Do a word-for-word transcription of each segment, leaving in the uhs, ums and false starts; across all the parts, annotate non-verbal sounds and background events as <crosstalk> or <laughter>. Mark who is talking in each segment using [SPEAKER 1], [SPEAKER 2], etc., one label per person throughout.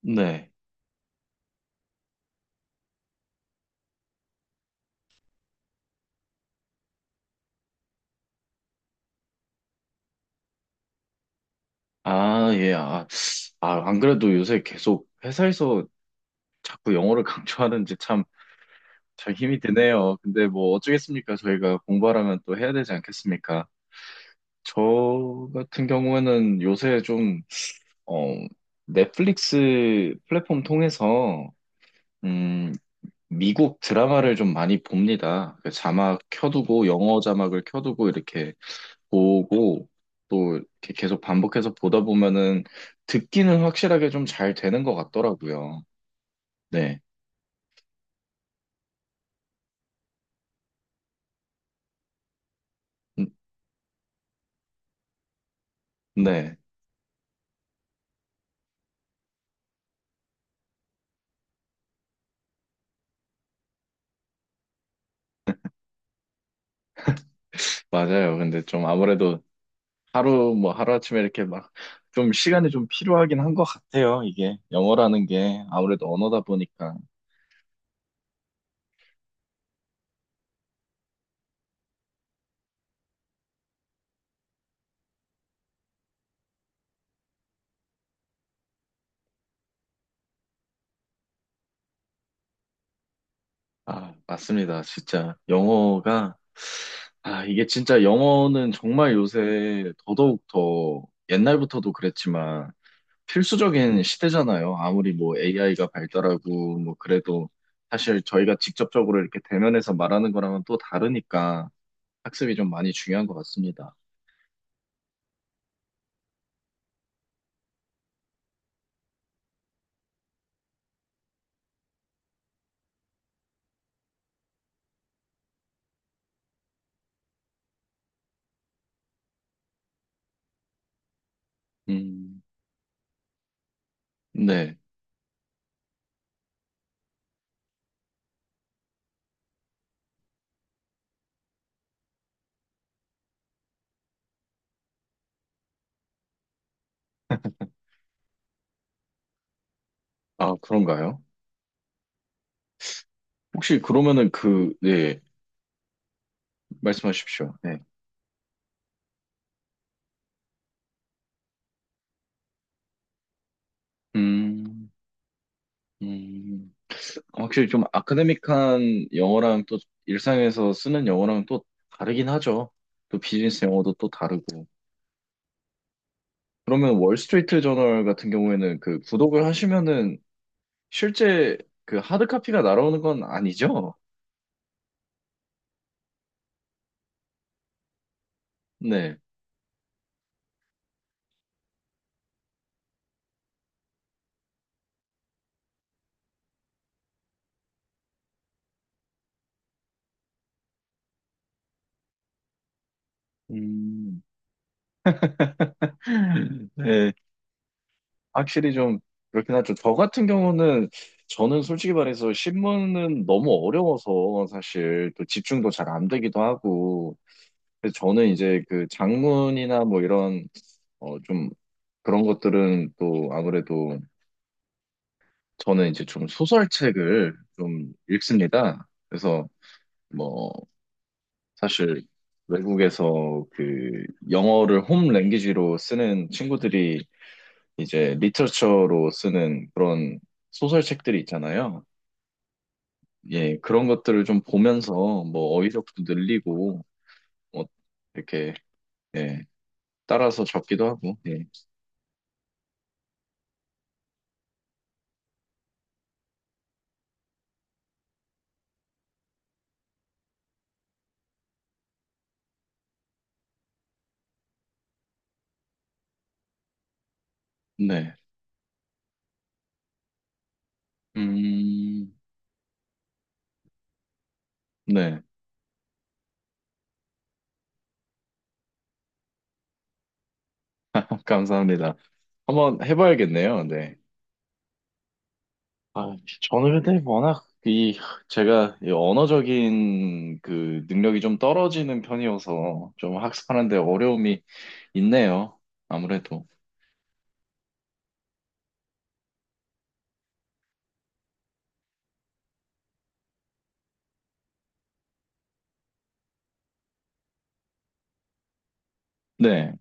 [SPEAKER 1] 네. 아, 예. 아, 아, 안 그래도 요새 계속 회사에서 자꾸 영어를 <laughs> 강조하는지 참, 잘 힘이 드네요. 근데 뭐 어쩌겠습니까? 저희가 공부하라면 또 해야 되지 않겠습니까? 저 같은 경우에는 요새 좀, 어, 넷플릭스 플랫폼 통해서, 음, 미국 드라마를 좀 많이 봅니다. 그 자막 켜두고, 영어 자막을 켜두고 이렇게 보고 또 이렇게 계속 반복해서 보다 보면은 듣기는 확실하게 좀 잘 되는 것 같더라고요. 네. 음, 네. 맞아요. 근데 좀 아무래도 하루 뭐 하루아침에 이렇게 막 좀 시간이 좀 필요하긴 한 것 같아요. 이게 영어라는 게 아무래도 언어다 보니까. 아, 맞습니다. 진짜 영어가 아, 이게 진짜 영어는 정말 요새 더더욱 더 옛날부터도 그랬지만 필수적인 시대잖아요. 아무리 뭐 에이아이가 발달하고 뭐 그래도 사실 저희가 직접적으로 이렇게 대면해서 말하는 거랑은 또 다르니까 학습이 좀 많이 중요한 것 같습니다. 음, 네. 아, 그런가요? 혹시 그러면은 그, 네, 말씀하십시오. 네. 음, 음. 확실히 좀 아카데믹한 영어랑 또 일상에서 쓰는 영어랑 또 다르긴 하죠. 또 비즈니스 영어도 또 다르고. 그러면 월스트리트 저널 같은 경우에는 그 구독을 하시면은 실제 그 하드카피가 날아오는 건 아니죠? 네. 음, 네. 확실히 좀 그렇긴 하죠. 저 같은 경우는 저는 솔직히 말해서 신문은 너무 어려워서 사실 또 집중도 잘 안 되기도 하고 그래서 저는 이제 그 장문이나 뭐 이런 어 좀 그런 것들은 또 아무래도 저는 이제 좀 소설책을 좀 읽습니다. 그래서 뭐 사실 외국에서 그 영어를 홈 랭귀지로 쓰는 친구들이 이제 리터처로 쓰는 그런 소설책들이 있잖아요. 예, 그런 것들을 좀 보면서 뭐 어휘력도 늘리고 뭐 이렇게 예, 따라서 적기도 하고. 예. 네. 음. 네. <laughs> 감사합니다. 한번 해봐야겠네요. 네. 아, 저는 근데 워낙 이 제가 이 언어적인 그 능력이 좀 떨어지는 편이어서 좀 학습하는데 어려움이 있네요. 아무래도. 네.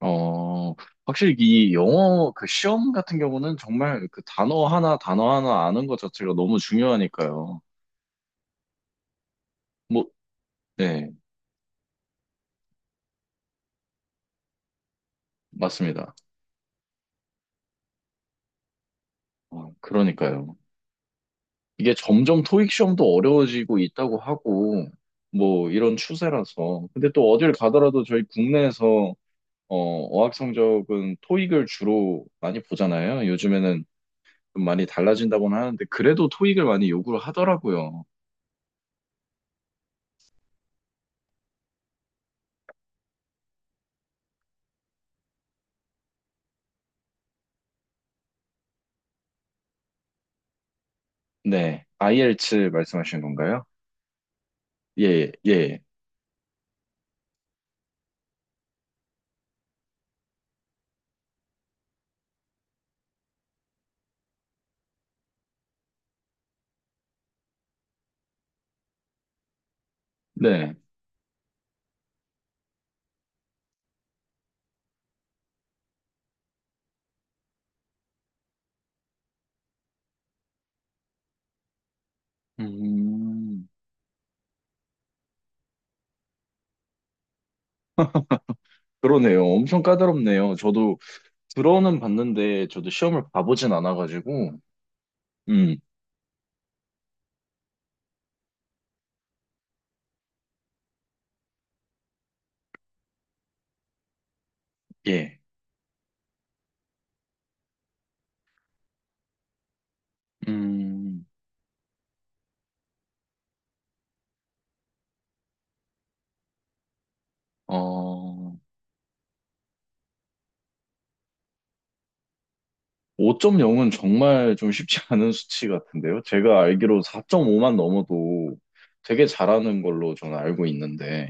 [SPEAKER 1] 어, 확실히 이 영어 그 시험 같은 경우는 정말 그 단어 하나 단어 하나 아는 것 자체가 너무 중요하니까요. 뭐, 네, 맞습니다. 어, 그러니까요. 이게 점점 토익 시험도 어려워지고 있다고 하고 뭐 이런 추세라서. 근데 또 어딜 가더라도 저희 국내에서 어, 어학 성적은 토익을 주로 많이 보잖아요. 요즘에는 좀 많이 달라진다고는 하는데 그래도 토익을 많이 요구를 하더라고요. 네, 아이엘츠 말씀하시는 건가요? 예, 예, 네. 음, 그러네요. 엄청 까다롭네요. 저도 들어는 봤는데 저도 시험을 봐보진 않아가지고, 음, 예, 음, 어. 오 점 영은 정말 좀 쉽지 <laughs> 않은 수치 같은데요. 제가 알기로 사 점 오만 넘어도 되게 잘하는 걸로 저는 알고 있는데,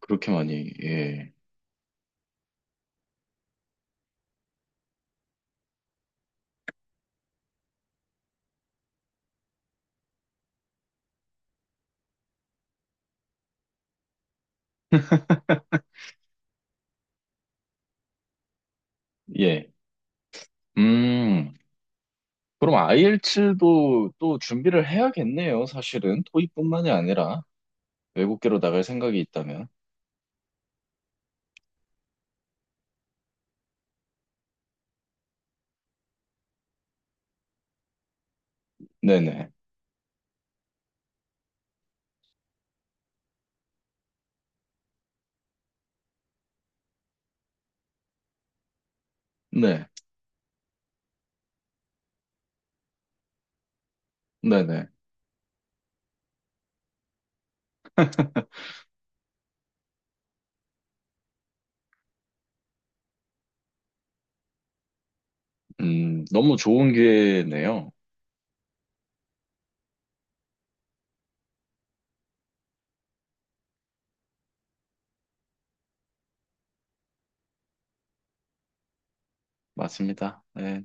[SPEAKER 1] 그렇게 많이, 예, 예. 음, 그럼 i l 칠도 또 준비를 해야겠네요, 사실은. 토익뿐만이 아니라 외국계로 나갈 생각이 있다면. 네네. 네. 네네. 음, 너무 좋은 기회네요. 맞습니다. 네.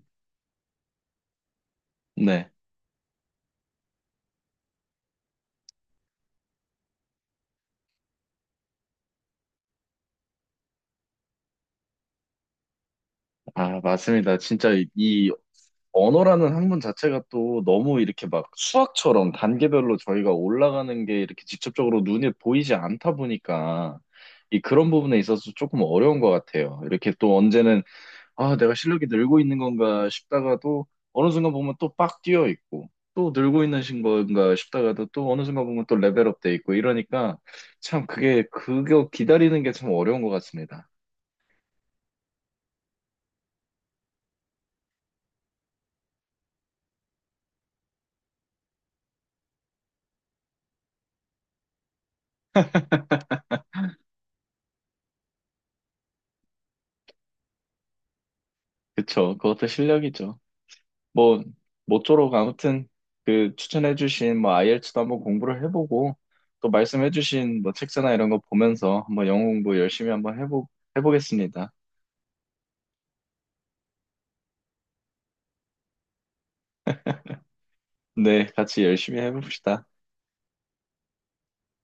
[SPEAKER 1] 네. 아, 맞습니다. 진짜 이 언어라는 학문 자체가 또 너무 이렇게 막 수학처럼 단계별로 저희가 올라가는 게 이렇게 직접적으로 눈에 보이지 않다 보니까 이 그런 부분에 있어서 조금 어려운 것 같아요. 이렇게 또 언제는 아, 내가 실력이 늘고 있는 건가 싶다가도 어느 순간 보면 또 빡 뛰어 있고 또 늘고 있는 신 건가 싶다가도 또 어느 순간 보면 또 레벨업 돼 있고 이러니까 참 그게 그거 기다리는 게 참 어려운 것 같습니다. 그쵸? 그것도 실력이죠. 뭐 모쪼록 아무튼 그 추천해주신 뭐 아이엘츠도 한번 공부를 해보고 또 말씀해주신 뭐 책자나 이런 거 보면서 한번 영어 공부 열심히 한번 해보 해보겠습니다. 네, 같이 열심히 해봅시다.